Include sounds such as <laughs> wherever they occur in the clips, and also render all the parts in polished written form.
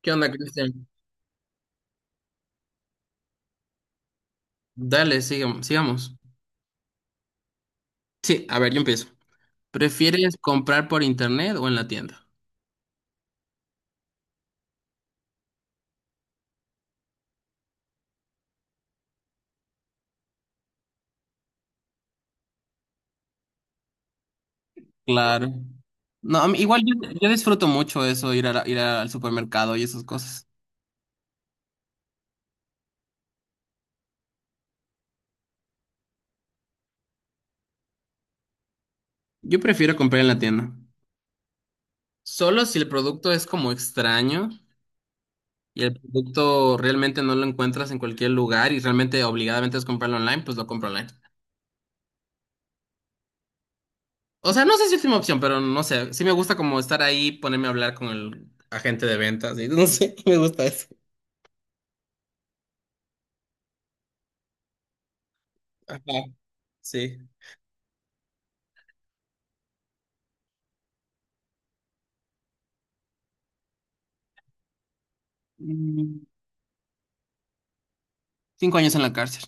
¿Qué onda, Cristian? Sigamos. Sí, a ver, yo empiezo. ¿Prefieres comprar por internet o en la tienda? Claro. No, a mí- igual yo, yo disfruto mucho eso, ir al supermercado y esas cosas. Yo prefiero comprar en la tienda. Solo si el producto es como extraño y el producto realmente no lo encuentras en cualquier lugar y realmente obligadamente es comprarlo online, pues lo compro online. O sea, no sé si es mi opción, pero no sé. Sí me gusta como estar ahí, ponerme a hablar con el agente de ventas y no sé, <laughs> me gusta eso. Ajá, sí. Mm, Cinco años en la cárcel.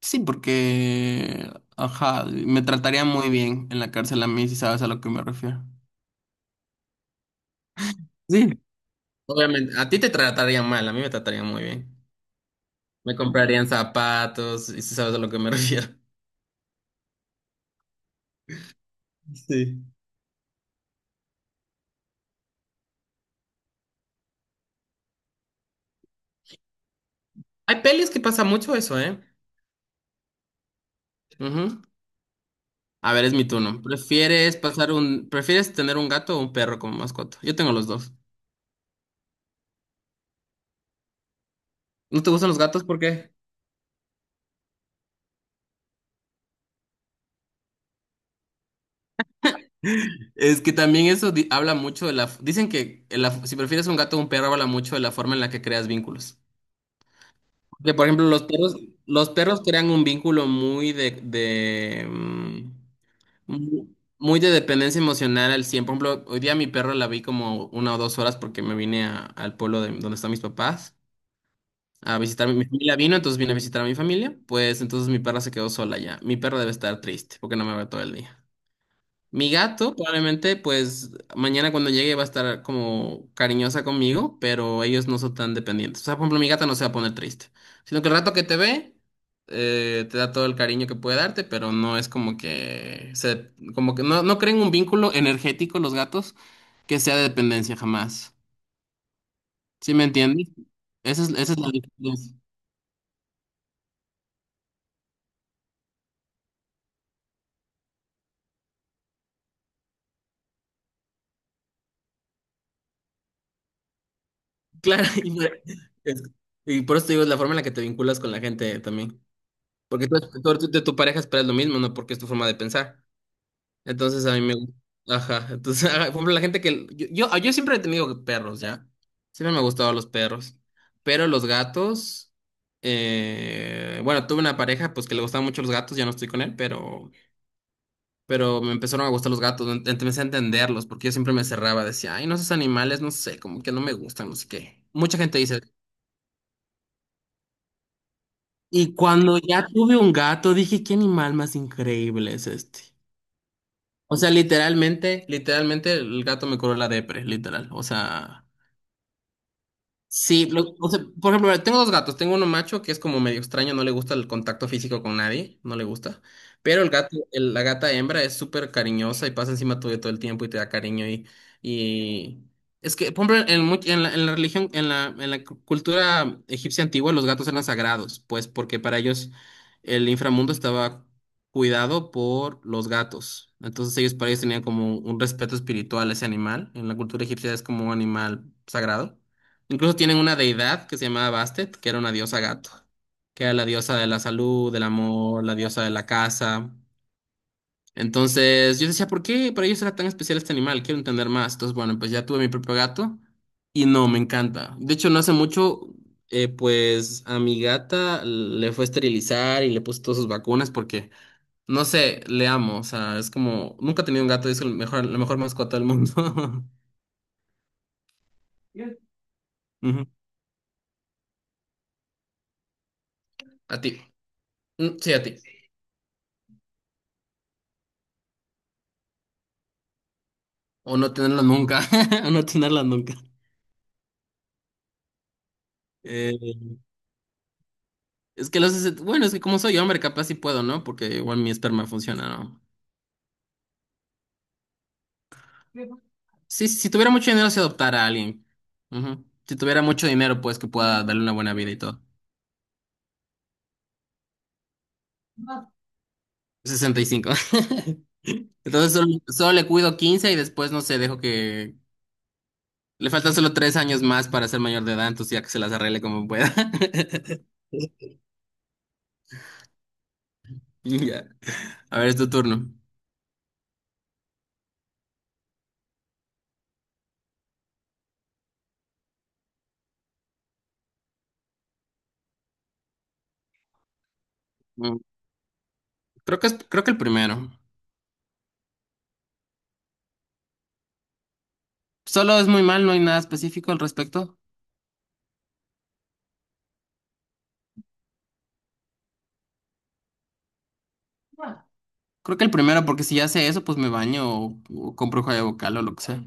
Sí, porque, ajá, me trataría muy bien en la cárcel a mí, si sabes a lo que me refiero. Sí. Obviamente, a ti te tratarían mal, a mí me tratarían muy bien. Me comprarían zapatos, y si sabes a lo que me <laughs> refiero. Sí. Hay pelis que pasa mucho eso, ¿eh? Ujú. A ver, es mi turno. ¿Prefieres tener un gato o un perro como mascota? Yo tengo los dos. ¿No te gustan los gatos? ¿Por qué? <laughs> Es que también habla mucho dicen que si prefieres un gato o un perro, habla mucho de la forma en la que creas vínculos. Que, por ejemplo, los perros crean un vínculo muy mu- muy de dependencia emocional al 100. Por ejemplo, hoy día mi perro la vi como una o dos horas porque al pueblo de, donde están mis papás, a visitar mi familia vino, entonces vine a visitar a mi familia, pues entonces mi perra se quedó sola ya. Mi perra debe estar triste porque no me ve todo el día. Mi gato probablemente pues mañana cuando llegue va a estar como cariñosa conmigo, pero ellos no son tan dependientes. O sea, por ejemplo, mi gata no se va a poner triste, sino que el rato que te ve te da todo el cariño que puede darte, pero no es como que se, como que no creen un vínculo energético los gatos que sea de dependencia jamás. ¿Sí me entiendes? Esa es la diferencia. Claro, <laughs> es- y por eso te digo, es la forma en la que te vinculas con la gente también. Porque tú de tu pareja esperas lo mismo, ¿no? Porque es tu forma de pensar. Entonces a mí me... Ajá, entonces, <laughs> ajá, por ejemplo, la gente que... Yo siempre he tenido perros, ¿ya? Siempre me han gustado los perros. Pero los gatos... bueno, tuve una pareja pues que le gustaban mucho los gatos, ya no estoy con él, pero... pero me empezaron a gustar los gatos, empecé a entenderlos, porque yo siempre me cerraba, decía, ay, no, esos animales, no sé, como que no me gustan, no sé qué. Mucha gente dice... y cuando ya tuve un gato, dije, qué animal más increíble es este. O sea, literalmente el gato me curó la depre, literal. O sea, o sea, por ejemplo, mira, tengo dos gatos. Tengo uno macho que es como medio extraño, no le gusta el contacto físico con nadie, no le gusta. Pero la gata hembra es súper cariñosa y pasa encima tuyo todo el tiempo y te da cariño y... Es que, por ejemplo, en, much- en la religión, en la cultura egipcia antigua, los gatos eran sagrados, pues porque para ellos el inframundo estaba cuidado por los gatos. Entonces ellos, para ellos tenían como un respeto espiritual a ese animal. En la cultura egipcia es como un animal sagrado. Incluso tienen una deidad que se llamaba Bastet, que era una diosa gato, que era la diosa de la salud, del amor, la diosa de la casa. Entonces yo decía, ¿por qué para ellos era tan especial este animal? Quiero entender más. Entonces, bueno, pues ya tuve mi propio gato y no, me encanta. De hecho, no hace mucho, pues a mi gata le fue a esterilizar y le puse todas sus vacunas porque, no sé, le amo. O sea, es como, nunca he tenido un gato y es el mejor, la mejor mascota del mundo. <laughs> Ujú. A ti. Mm, Sí, a ti. O no tenerlas nunca. <laughs> O no tenerlas nunca. Eh, es que los... es- Bueno, es que como soy hombre, capaz sí puedo, ¿no? Porque igual mi esperma funciona, ¿no? Sí, si tuviera mucho dinero, se adoptara a alguien. Ujú. Si tuviera mucho dinero, pues que pueda darle una buena vida y todo. 65. <laughs> Entonces solo le cuido 15 y después no sé, dejo que... Le faltan solo 3 años más para ser mayor de edad, entonces ya que se las arregle como pueda. <laughs> Ya. A ver, es tu turno. Mm, Creo que es, creo que el primero. Solo es muy mal, no hay nada específico al respecto. Creo que el primero, porque si ya sé eso, pues me baño o compro joya vocal o lo que sea.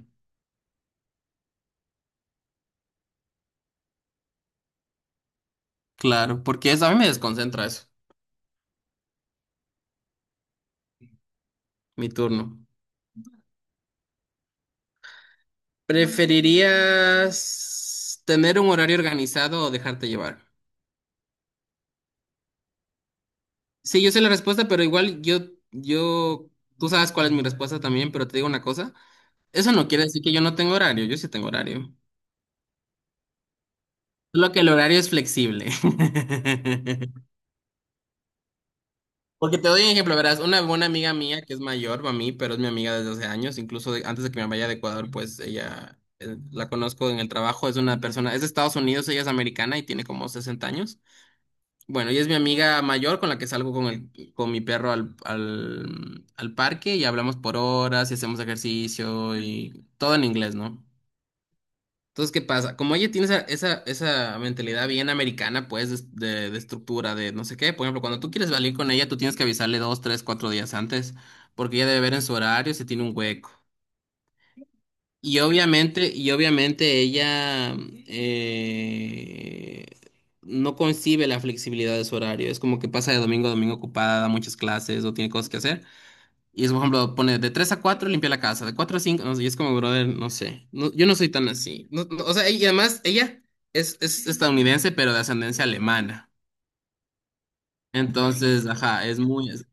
Claro, porque eso a mí me desconcentra eso. Mi turno. ¿Preferirías tener un horario organizado o dejarte llevar? Sí, yo sé la respuesta, yo, tú sabes cuál es mi respuesta también, pero te digo una cosa. Eso no quiere decir que yo no tengo horario, yo sí tengo horario. Solo que el horario es flexible. <laughs> Porque te doy un ejemplo, verás, una buena amiga mía que es mayor a mí, pero es mi amiga desde hace años, antes de que me vaya de Ecuador, pues ella, la conozco en el trabajo, es una persona, es de Estados Unidos, ella es americana y tiene como 60 años. Bueno, ella es mi amiga mayor con la que salgo con con mi perro al parque y hablamos por horas y hacemos ejercicio y todo en inglés, ¿no? Entonces, ¿qué pasa? Como ella tiene esa mentalidad bien americana, pues, de estructura, de no sé qué. Por ejemplo, cuando tú quieres salir con ella, tú tienes que avisarle dos, tres, cuatro días antes, porque ella debe ver en su horario si tiene un hueco. Y obviamente ella eh, no concibe la flexibilidad de su horario. Es como que pasa de domingo a domingo ocupada, da muchas clases o tiene cosas que hacer. Y es, por ejemplo, pone de 3 a 4 limpia la casa, de 4 a 5 no sé, y es como, brother, no sé, no, yo no soy tan así. No- no, o sea, y además ella es estadounidense, pero de ascendencia alemana. Entonces, ajá, es muy...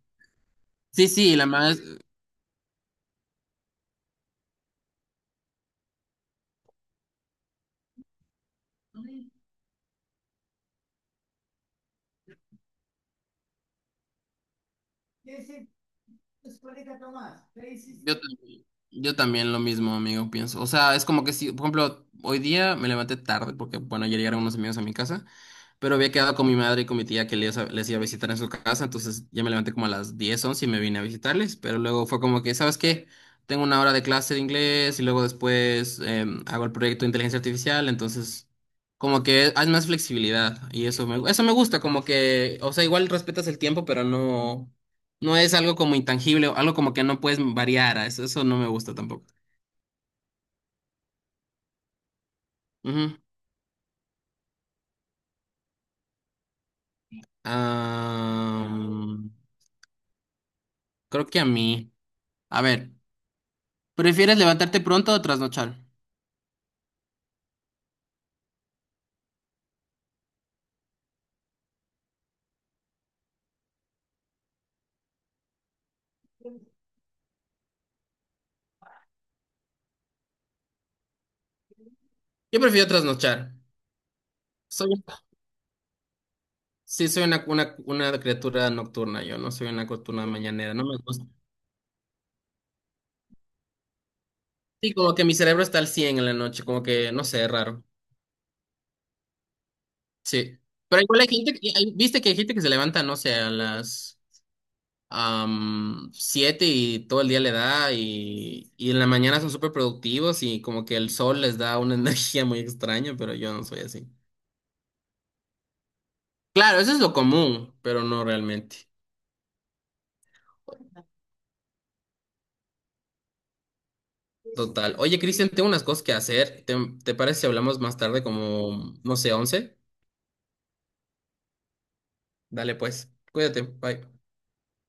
sí, sí, yo, yo también lo mismo, amigo, pienso. O sea, es como que si, por ejemplo, hoy día me levanté tarde porque, bueno, ayer llegaron unos amigos a mi casa, pero había quedado con mi madre y con mi tía que les iba a visitar en su casa, entonces ya me levanté como a las 10 11 y me vine a visitarles, pero luego fue como que, ¿sabes qué? Tengo una hora de clase de inglés y luego después em, hago el proyecto de inteligencia artificial, entonces como que hay más flexibilidad y eso eso me gusta, como que, o sea, igual respetas el tiempo, pero no... No es algo como intangible, algo como que no puedes variar. Eso no me gusta tampoco. Ujú. Ah, creo que a mí. A ver, ¿prefieres levantarte pronto o trasnochar? Yo prefiero trasnochar. Soy, sí, soy una criatura nocturna, yo no soy una criatura mañanera, no me gusta. Sí, como que mi cerebro está al 100 en la noche, como que, no sé, es raro. Sí. Pero igual hay gente, viste que hay gente que se levanta, no sé, a las am, siete y todo el día le da y en la mañana son súper productivos y como que el sol les da una <laughs> energía muy extraña, pero yo no soy así. Claro, eso es lo común, pero no realmente. Total. Oye, Cristian, tengo unas cosas que hacer. ¿Te parece si hablamos más tarde como, no sé, once? Dale pues, cuídate, bye.